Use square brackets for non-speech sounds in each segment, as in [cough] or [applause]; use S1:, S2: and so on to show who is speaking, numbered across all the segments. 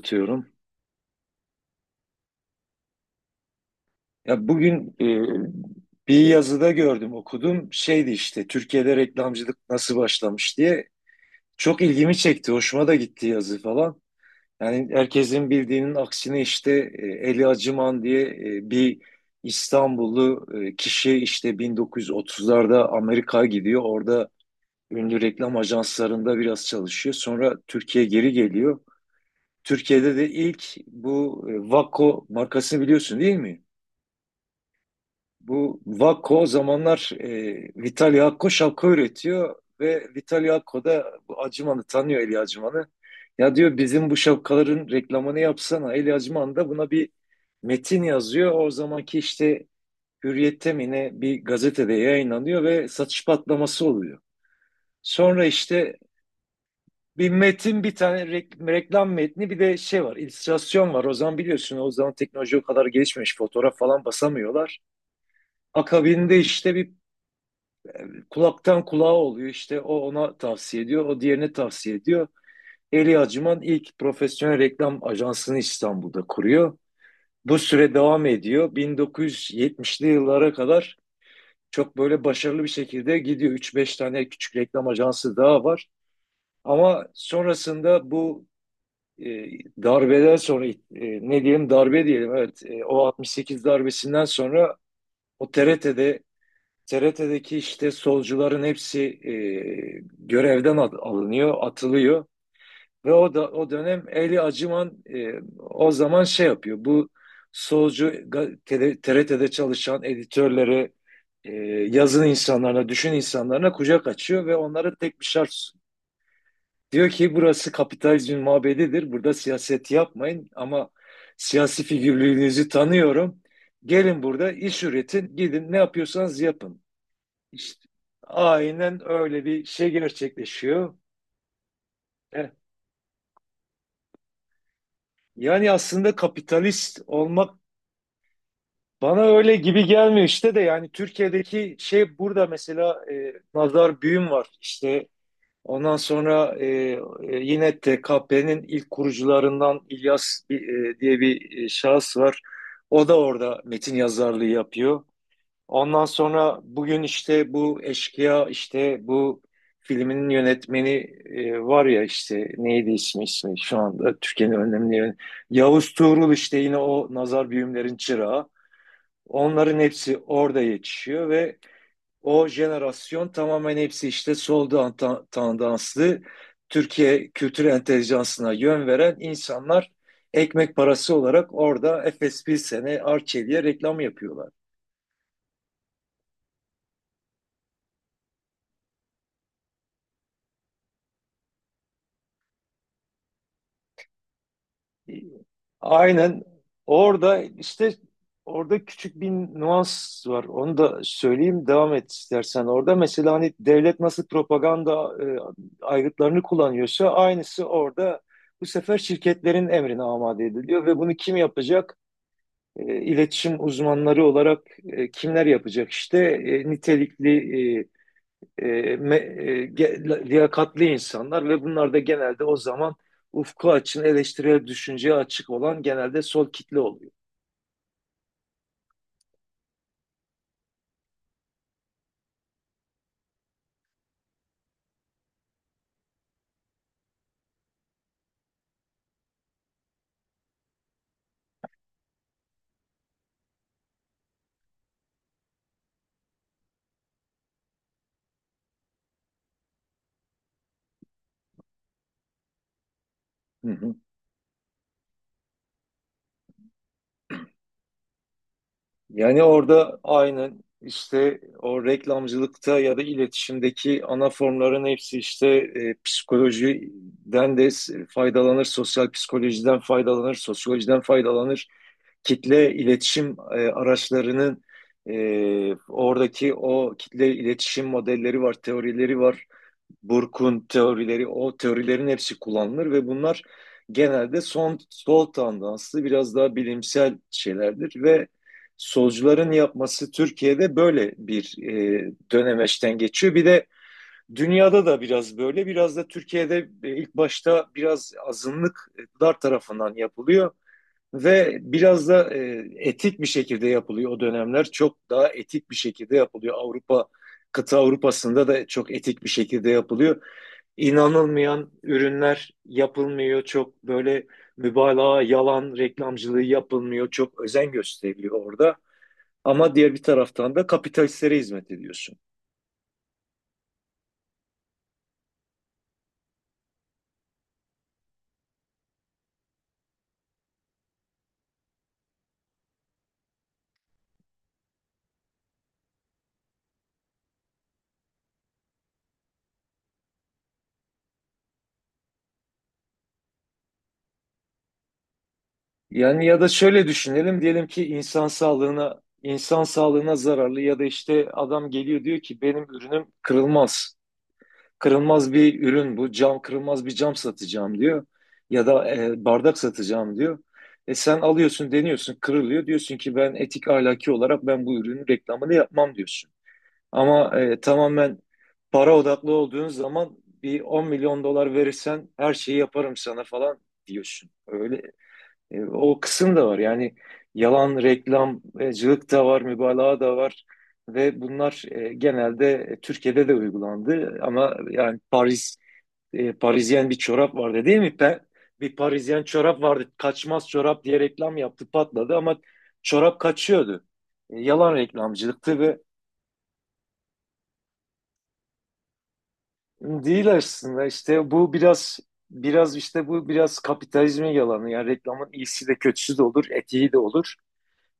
S1: Atıyorum. Ya bugün bir yazıda gördüm, okudum. Şeydi işte Türkiye'de reklamcılık nasıl başlamış diye. Çok ilgimi çekti, hoşuma da gitti yazı falan. Yani herkesin bildiğinin aksine işte Eli Acıman diye bir İstanbullu kişi işte 1930'larda Amerika'ya gidiyor. Orada ünlü reklam ajanslarında biraz çalışıyor. Sonra Türkiye'ye geri geliyor. Türkiye'de de ilk bu Vakko markasını biliyorsun, değil mi? Bu Vakko o zamanlar Vitali Hakko şapka üretiyor ve Vitali Hakko da bu Acıman'ı tanıyor, Eli Acıman'ı. Ya diyor, bizim bu şapkaların reklamını yapsana. Eli Acıman da buna bir metin yazıyor. O zamanki işte Hürriyet'te mi ne bir gazetede yayınlanıyor ve satış patlaması oluyor. Sonra işte bir metin, bir tane reklam metni, bir de şey var, illüstrasyon var. O zaman biliyorsun, o zaman teknoloji o kadar gelişmemiş, fotoğraf falan basamıyorlar. Akabinde işte bir kulaktan kulağa oluyor. İşte o ona tavsiye ediyor, o diğerine tavsiye ediyor. Eli Acıman ilk profesyonel reklam ajansını İstanbul'da kuruyor. Bu süre devam ediyor. 1970'li yıllara kadar çok böyle başarılı bir şekilde gidiyor. Üç beş tane küçük reklam ajansı daha var. Ama sonrasında bu e, darbeden sonra, ne diyelim, darbe diyelim, evet, o 68 darbesinden sonra o TRT'de TRT'deki işte solcuların hepsi görevden alınıyor, atılıyor ve o da o dönem Eli Acıman o zaman şey yapıyor. Bu solcu TRT'de çalışan editörlere, e, yazın insanlarına, düşün insanlarına kucak açıyor ve onlara tek bir şart sunuyor. Diyor ki burası kapitalizmin mabedidir. Burada siyaset yapmayın ama siyasi figürlüğünüzü tanıyorum. Gelin burada iş üretin, gidin ne yapıyorsanız yapın. İşte aynen öyle bir şey gerçekleşiyor. E, Yani aslında kapitalist olmak bana öyle gibi gelmiyor işte, de yani Türkiye'deki şey, burada mesela Nazar Büyüm var işte, ondan sonra yine TKP'nin ilk kurucularından İlyas e, diye bir şahıs var. O da orada metin yazarlığı yapıyor. Ondan sonra bugün işte bu eşkıya işte bu filminin yönetmeni var ya, işte neydi ismi, ismi şu anda, Türkiye'nin önemli yön, Yavuz Tuğrul işte, yine o nazar büyümlerin çırağı. Onların hepsi orada yetişiyor ve o jenerasyon tamamen, hepsi işte sol tandanslı, Türkiye kültür entelijansına yön veren insanlar, ekmek parası olarak orada Efes, bir sene Arçelik'e reklam yapıyorlar. Aynen. orada işte Orada küçük bir nuans var. Onu da söyleyeyim, devam et istersen. Orada mesela hani devlet nasıl propaganda e, aygıtlarını kullanıyorsa, aynısı orada bu sefer şirketlerin emrine amade ediliyor ve bunu kim yapacak? İletişim uzmanları olarak kimler yapacak? İşte nitelikli, e, liyakatli insanlar ve bunlar da genelde o zaman, ufku açın, eleştirel düşünceye açık olan, genelde sol kitle oluyor. Hı hı. Yani orada aynen işte o reklamcılıkta ya da iletişimdeki ana formların hepsi işte psikolojiden de faydalanır, sosyal psikolojiden faydalanır, sosyolojiden faydalanır. Kitle iletişim araçlarının, oradaki o kitle iletişim modelleri var, teorileri var. Burke'un teorileri, o teorilerin hepsi kullanılır ve bunlar genelde sol tandanslı, biraz daha bilimsel şeylerdir ve solcuların yapması Türkiye'de böyle bir dönemeçten geçiyor. Bir de dünyada da biraz böyle, biraz da Türkiye'de ilk başta biraz azınlıklar tarafından yapılıyor. Ve biraz da etik bir şekilde yapılıyor o dönemler. Çok daha etik bir şekilde yapılıyor. Avrupa, kıta Avrupa'sında da çok etik bir şekilde yapılıyor. İnanılmayan ürünler yapılmıyor. Çok böyle mübalağa, yalan reklamcılığı yapılmıyor. Çok özen gösteriliyor orada. Ama diğer bir taraftan da kapitalistlere hizmet ediyorsun. Yani ya da şöyle düşünelim, diyelim ki insan sağlığına zararlı ya da işte adam geliyor, diyor ki benim ürünüm kırılmaz. Kırılmaz bir ürün bu. Cam, kırılmaz bir cam satacağım diyor. Ya da bardak satacağım diyor. E, sen alıyorsun, deniyorsun, kırılıyor. Diyorsun ki ben etik, ahlaki olarak ben bu ürünün reklamını yapmam diyorsun. Ama tamamen para odaklı olduğun zaman, bir 10 milyon dolar verirsen her şeyi yaparım sana falan diyorsun. Öyle o kısım da var. Yani yalan reklamcılık da var, mübalağa da var. Ve bunlar genelde Türkiye'de de uygulandı. Ama yani Paris, Parisyen bir çorap vardı, değil mi? Bir Parisyen çorap vardı. Kaçmaz çorap diye reklam yaptı, patladı ama çorap kaçıyordu. Yalan reklamcılıktı ve değil aslında işte, bu biraz biraz işte bu biraz kapitalizmin yalanı. Yani reklamın iyisi de kötüsü de olur, etiği de olur.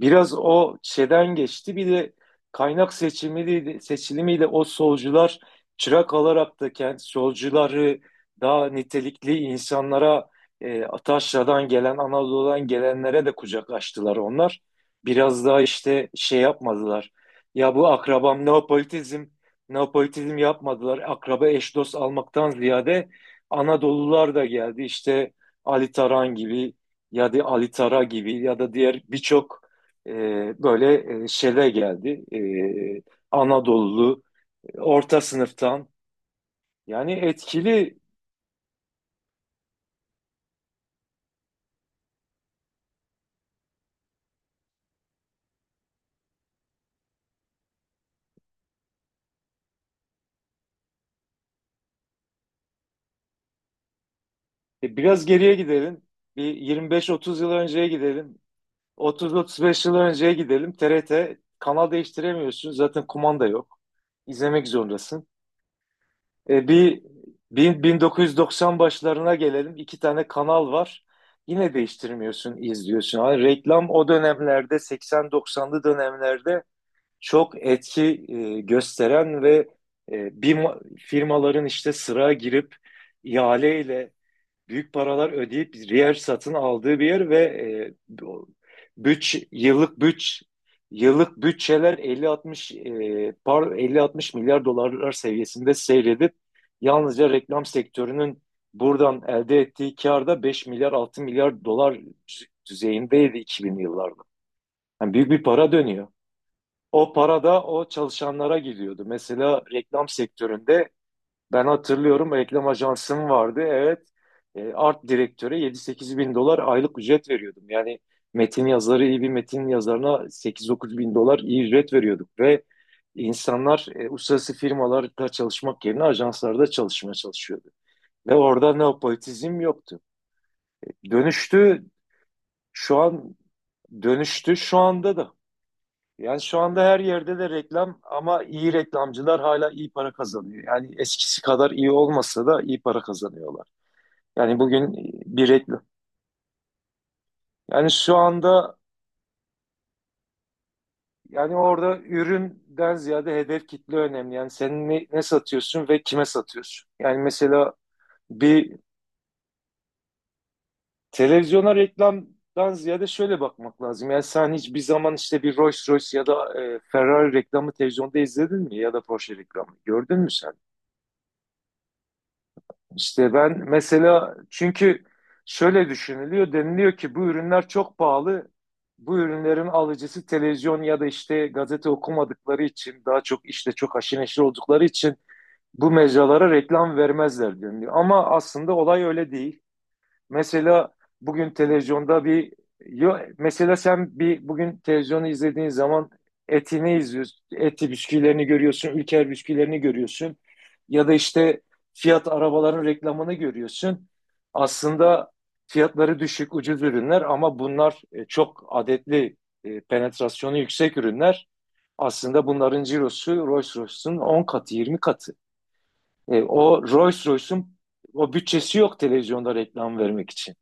S1: Biraz o şeyden geçti. Bir de kaynak seçimiyle, seçilimiyle o solcular, çırak alarak da kendi solcuları, daha nitelikli insanlara, Ataşra'dan gelen, Anadolu'dan gelenlere de kucak açtılar onlar. Biraz daha işte şey yapmadılar. Ya bu akrabam neopolitizm, neopolitizm yapmadılar. Akraba, eş dost almaktan ziyade Anadolular da geldi. İşte Ali Taran gibi ya da Ali Tara gibi ya da diğer birçok böyle şele geldi. Anadolu orta sınıftan, yani etkili. Biraz geriye gidelim. Bir 25-30 yıl önceye gidelim. 30-35 yıl önceye gidelim. TRT, kanal değiştiremiyorsun. Zaten kumanda yok. İzlemek zorundasın. E, bir 1990 başlarına gelelim. İki tane kanal var. Yine değiştirmiyorsun, izliyorsun. Hani reklam o dönemlerde, 80-90'lı dönemlerde çok etki gösteren ve firmaların işte sıraya girip ihaleyle büyük paralar ödeyip yer satın aldığı bir yer ve e, bu- bütç yıllık bütç yıllık bütçeler 50-60, e, par 50-60 milyar dolarlar seviyesinde seyredip, yalnızca reklam sektörünün buradan elde ettiği kar da 5 milyar, 6 milyar dolar düzeyindeydi 2000'li yıllarda. Yani büyük bir para dönüyor. O para da o çalışanlara gidiyordu. Mesela reklam sektöründe, ben hatırlıyorum, reklam ajansım vardı. Evet, art direktöre yedi sekiz bin dolar aylık ücret veriyordum. Yani metin yazarı, iyi bir metin yazarına sekiz dokuz bin dolar iyi ücret veriyorduk. Ve insanlar uluslararası firmalarda çalışmak yerine ajanslarda çalışmaya çalışıyordu. Ve orada neopolitizm yoktu. Dönüştü şu an Dönüştü şu anda da. Yani şu anda her yerde de reklam ama iyi reklamcılar hala iyi para kazanıyor. Yani eskisi kadar iyi olmasa da iyi para kazanıyorlar. Yani bugün bir reklam. Yani şu anda, yani orada üründen ziyade hedef kitle önemli. Yani sen ne satıyorsun ve kime satıyorsun? Yani mesela bir televizyona reklamdan ziyade şöyle bakmak lazım. Yani sen hiçbir zaman işte bir Rolls Royce ya da Ferrari reklamı televizyonda izledin mi? Ya da Porsche reklamı gördün mü sen? İşte ben mesela, çünkü şöyle düşünülüyor, deniliyor ki bu ürünler çok pahalı. Bu ürünlerin alıcısı televizyon ya da işte gazete okumadıkları için, daha çok işte çok haşir neşir oldukları için bu mecralara reklam vermezler deniliyor. Ama aslında olay öyle değil. Mesela bugün televizyonda bir, yo, mesela sen bir bugün televizyonu izlediğin zaman etini izliyorsun. Eti bisküvilerini görüyorsun, Ülker bisküvilerini görüyorsun. Ya da işte Fiat arabaların reklamını görüyorsun. Aslında fiyatları düşük, ucuz ürünler ama bunlar çok adetli, penetrasyonu yüksek ürünler. Aslında bunların cirosu Rolls-Royce'un 10 katı, 20 katı. O Rolls-Royce'un o bütçesi yok televizyonda reklam vermek için.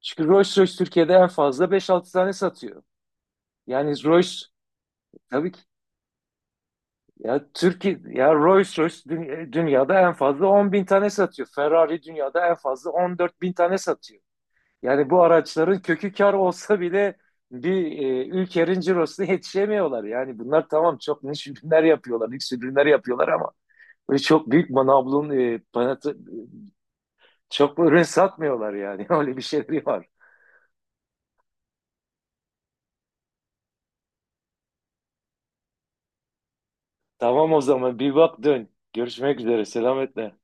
S1: Çünkü Rolls Royce Türkiye'de en fazla beş altı tane satıyor. Yani Rolls, tabii ki, ya Türkiye ya Rolls Royce, dünyada en fazla 10 bin tane satıyor. Ferrari dünyada en fazla 14 bin tane satıyor. Yani bu araçların kökü kar olsa bile bir ülkenin cirosuna yetişemiyorlar. Yani bunlar tamam, çok niş ürünler yapıyorlar, lüks ürünler yapıyorlar ama böyle çok büyük manablon, panatı, çok ürün satmıyorlar yani. [laughs] Öyle bir şeyleri var. Tamam, o zaman bir bak dön. Görüşmek üzere. Selametle.